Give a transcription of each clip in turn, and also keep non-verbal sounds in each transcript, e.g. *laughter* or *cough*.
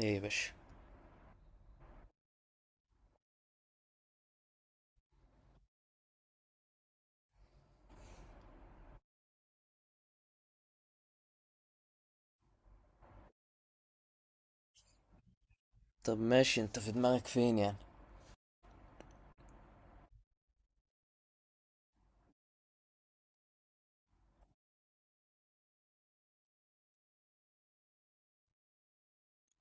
ايه يا باشا. طب ماشي، انت في دماغك فين يعني؟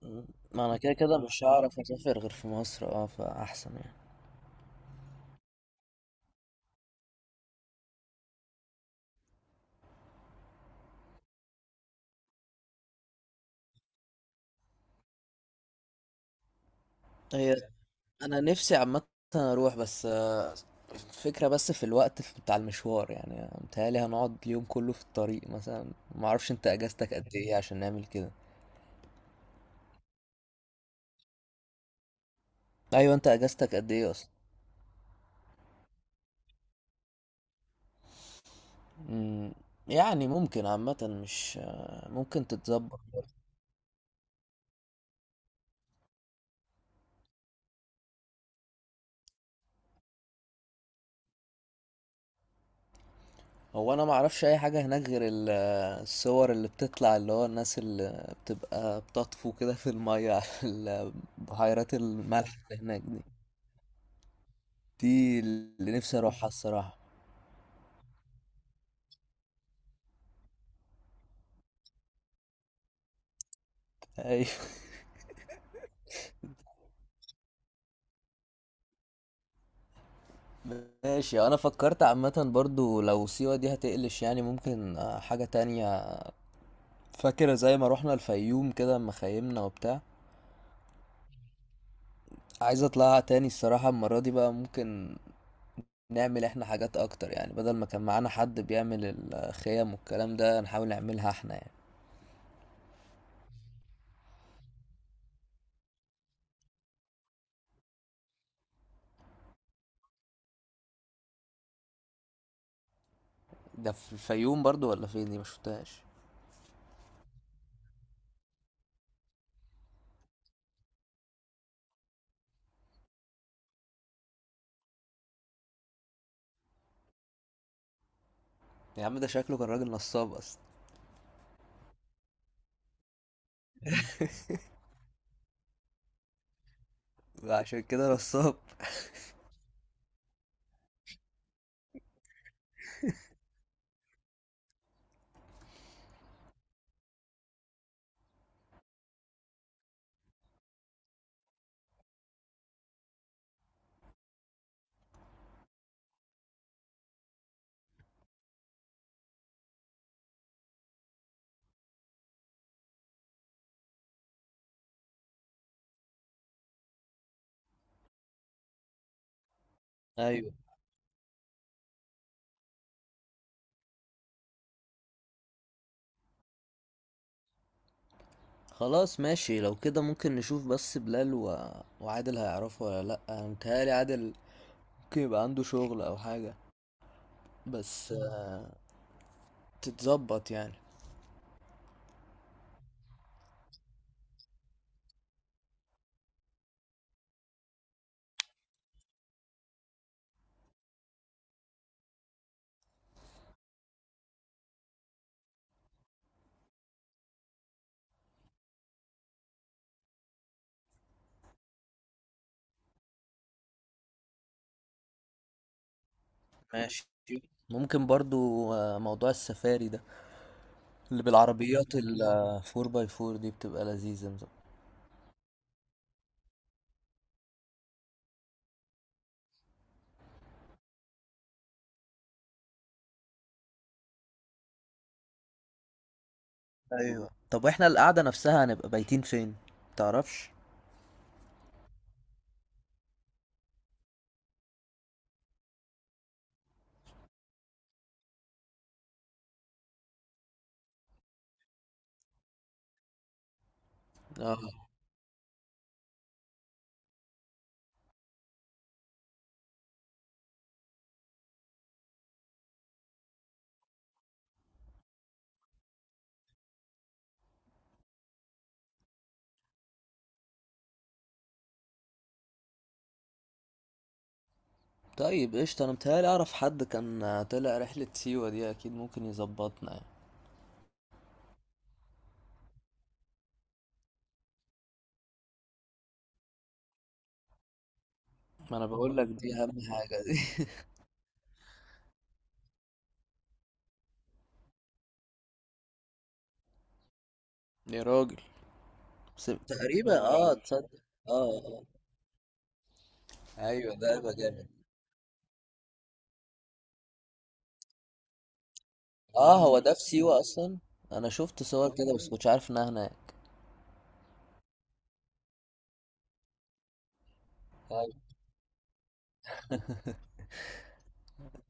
مم. ما انا كده كده مش هعرف اسافر غير في مصر، اه فاحسن يعني. هي انا نفسي عامه اروح، بس الفكره بس في الوقت بتاع المشوار، يعني متهيألي هنقعد اليوم كله في الطريق مثلا. ما اعرفش انت اجازتك قد ايه عشان نعمل كده. ايوه، انت اجازتك قد ايه اصلا؟ امم، يعني ممكن عامه، مش ممكن تتظبط. هو انا ما اعرفش اي حاجه هناك غير الصور اللي بتطلع، اللي هو الناس اللي بتبقى بتطفو كده في الميه على بحيرات الملح اللي هناك دي. دي اللي نفسي اروحها الصراحه. ايوه، ماشي. انا فكرت عامه برضو لو سيوه دي هتقلش، يعني ممكن حاجه تانية. فاكره زي ما روحنا الفيوم كده اما خيمنا وبتاع؟ عايز اطلعها تاني الصراحه، المره دي بقى ممكن نعمل احنا حاجات اكتر يعني، بدل ما كان معانا حد بيعمل الخيم والكلام ده، نحاول نعملها احنا يعني. ده في الفيوم برضو ولا فين؟ دي ما شفتهاش. يا عم ده شكله كان راجل نصاب اصلا. عشان كده نصاب. *laughs* ايوه. خلاص ماشي، لو كده ممكن نشوف بس بلال و... وعادل هيعرفوا ولا لا. انا متهيألي عادل ممكن يبقى عنده شغل او حاجه، بس تتظبط يعني. ماشي. ممكن برضو موضوع السفاري ده، اللي بالعربيات ال 4 باي 4 دي، بتبقى لذيذة. ايوه، طب واحنا القعده نفسها هنبقى بايتين فين؟ متعرفش؟ اه. طيب قشطة، انا متهيألي اعرف حد كان طلع رحلة سيوة دي، اكيد ممكن يظبطنا يعني. ما انا بقول لك دي اهم حاجة دي. *laughs* يا راجل، تقريبا اه، تصدق. اه آه. ايوه، ده هيبقى جامد. اه، هو ده في سيوة اصلا؟ انا شفت صور كده بس مش عارف انها هناك.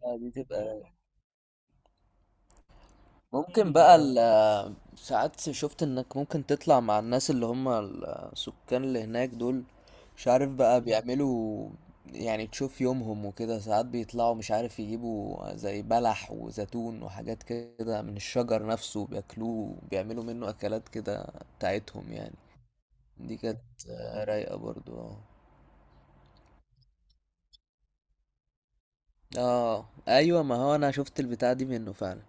آه، دي تبقى ممكن بقى ساعات شفت انك ممكن تطلع مع الناس اللي هم السكان اللي هناك دول، مش عارف بقى بيعملوا، يعني تشوف يومهم وكده. ساعات بيطلعوا، مش عارف، يجيبوا زي بلح وزيتون وحاجات كده من الشجر نفسه، بياكلوه بيعملوا منه اكلات كده بتاعتهم يعني. دي كانت رايقة برضو اه. اه ايوه، ما هو انا شفت البتاع دي منه فعلا.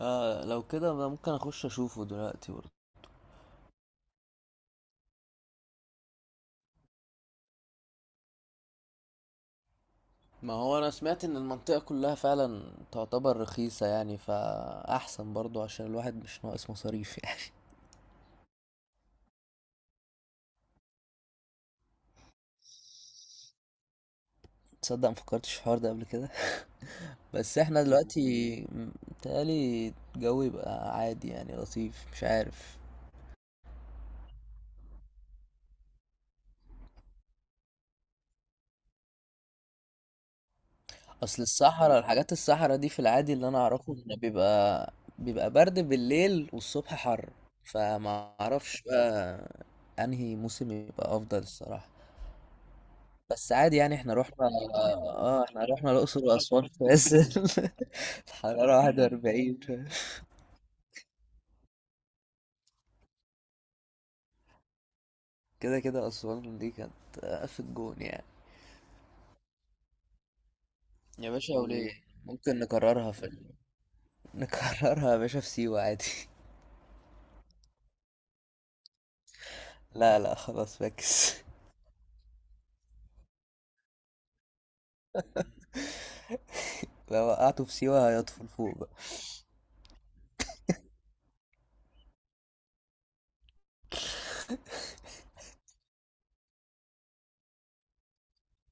اه لو كده ممكن اخش اشوفه دلوقتي. ما هو انا سمعت ان المنطقة كلها فعلا تعتبر رخيصة يعني، فاحسن برضو عشان الواحد مش ناقص مصاريف يعني. *laughs* تصدق مفكرتش في الحوار ده قبل كده. *laughs* بس احنا دلوقتي متهيألي الجو يبقى عادي يعني، لطيف، مش عارف. اصل الصحراء، الحاجات الصحراء دي في العادي اللي انا اعرفه ان بيبقى، بيبقى برد بالليل والصبح حر، فما اعرفش بقى انهي موسم يبقى افضل الصراحة. بس عادي يعني، احنا رحنا. اه احنا رحنا الأقصر وأسوان في عز *laughs* الحرارة 41. كده كده أسوان دي كانت في الجون يعني. يا باشا وليه، ممكن نكررها في ال... *laughs* نكررها يا باشا في سيوة عادي. لا لا، خلاص فاكس. لو وقعته في سيوة هيطفل فوق بقى.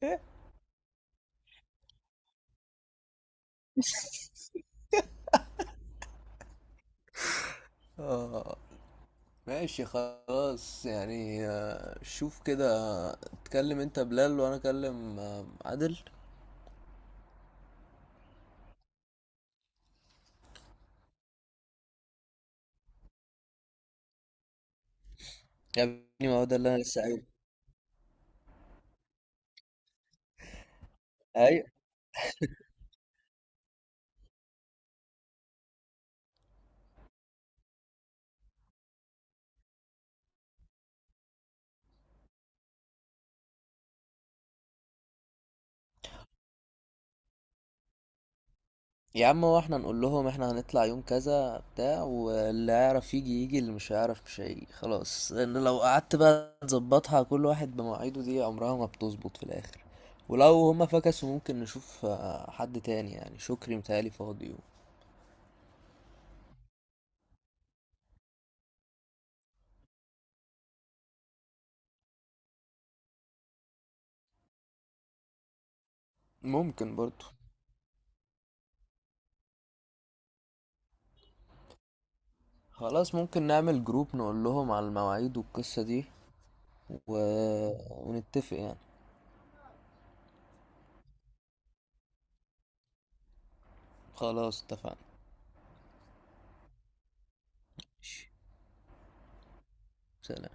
*laughs* اه. ماشي خلاص، يعني شوف كده، اتكلم انت بلال وانا اكلم عادل. يا ابني ما هو ده اللي انا لسه قايله. يا عم، هو احنا نقول لهم احنا هنطلع يوم كذا بتاع، واللي هيعرف يجي يجي، اللي مش هيعرف مش هيجي خلاص، لان لو قعدت بقى تظبطها كل واحد بمواعيده دي، عمرها ما بتظبط في الاخر. ولو هما فكسوا ممكن نشوف حد تاني، يعني شكري متهيألي فاضي. ممكن برضو. خلاص ممكن نعمل جروب نقول لهم على المواعيد والقصة دي و... ونتفق يعني. خلاص اتفقنا. ماشي. سلام.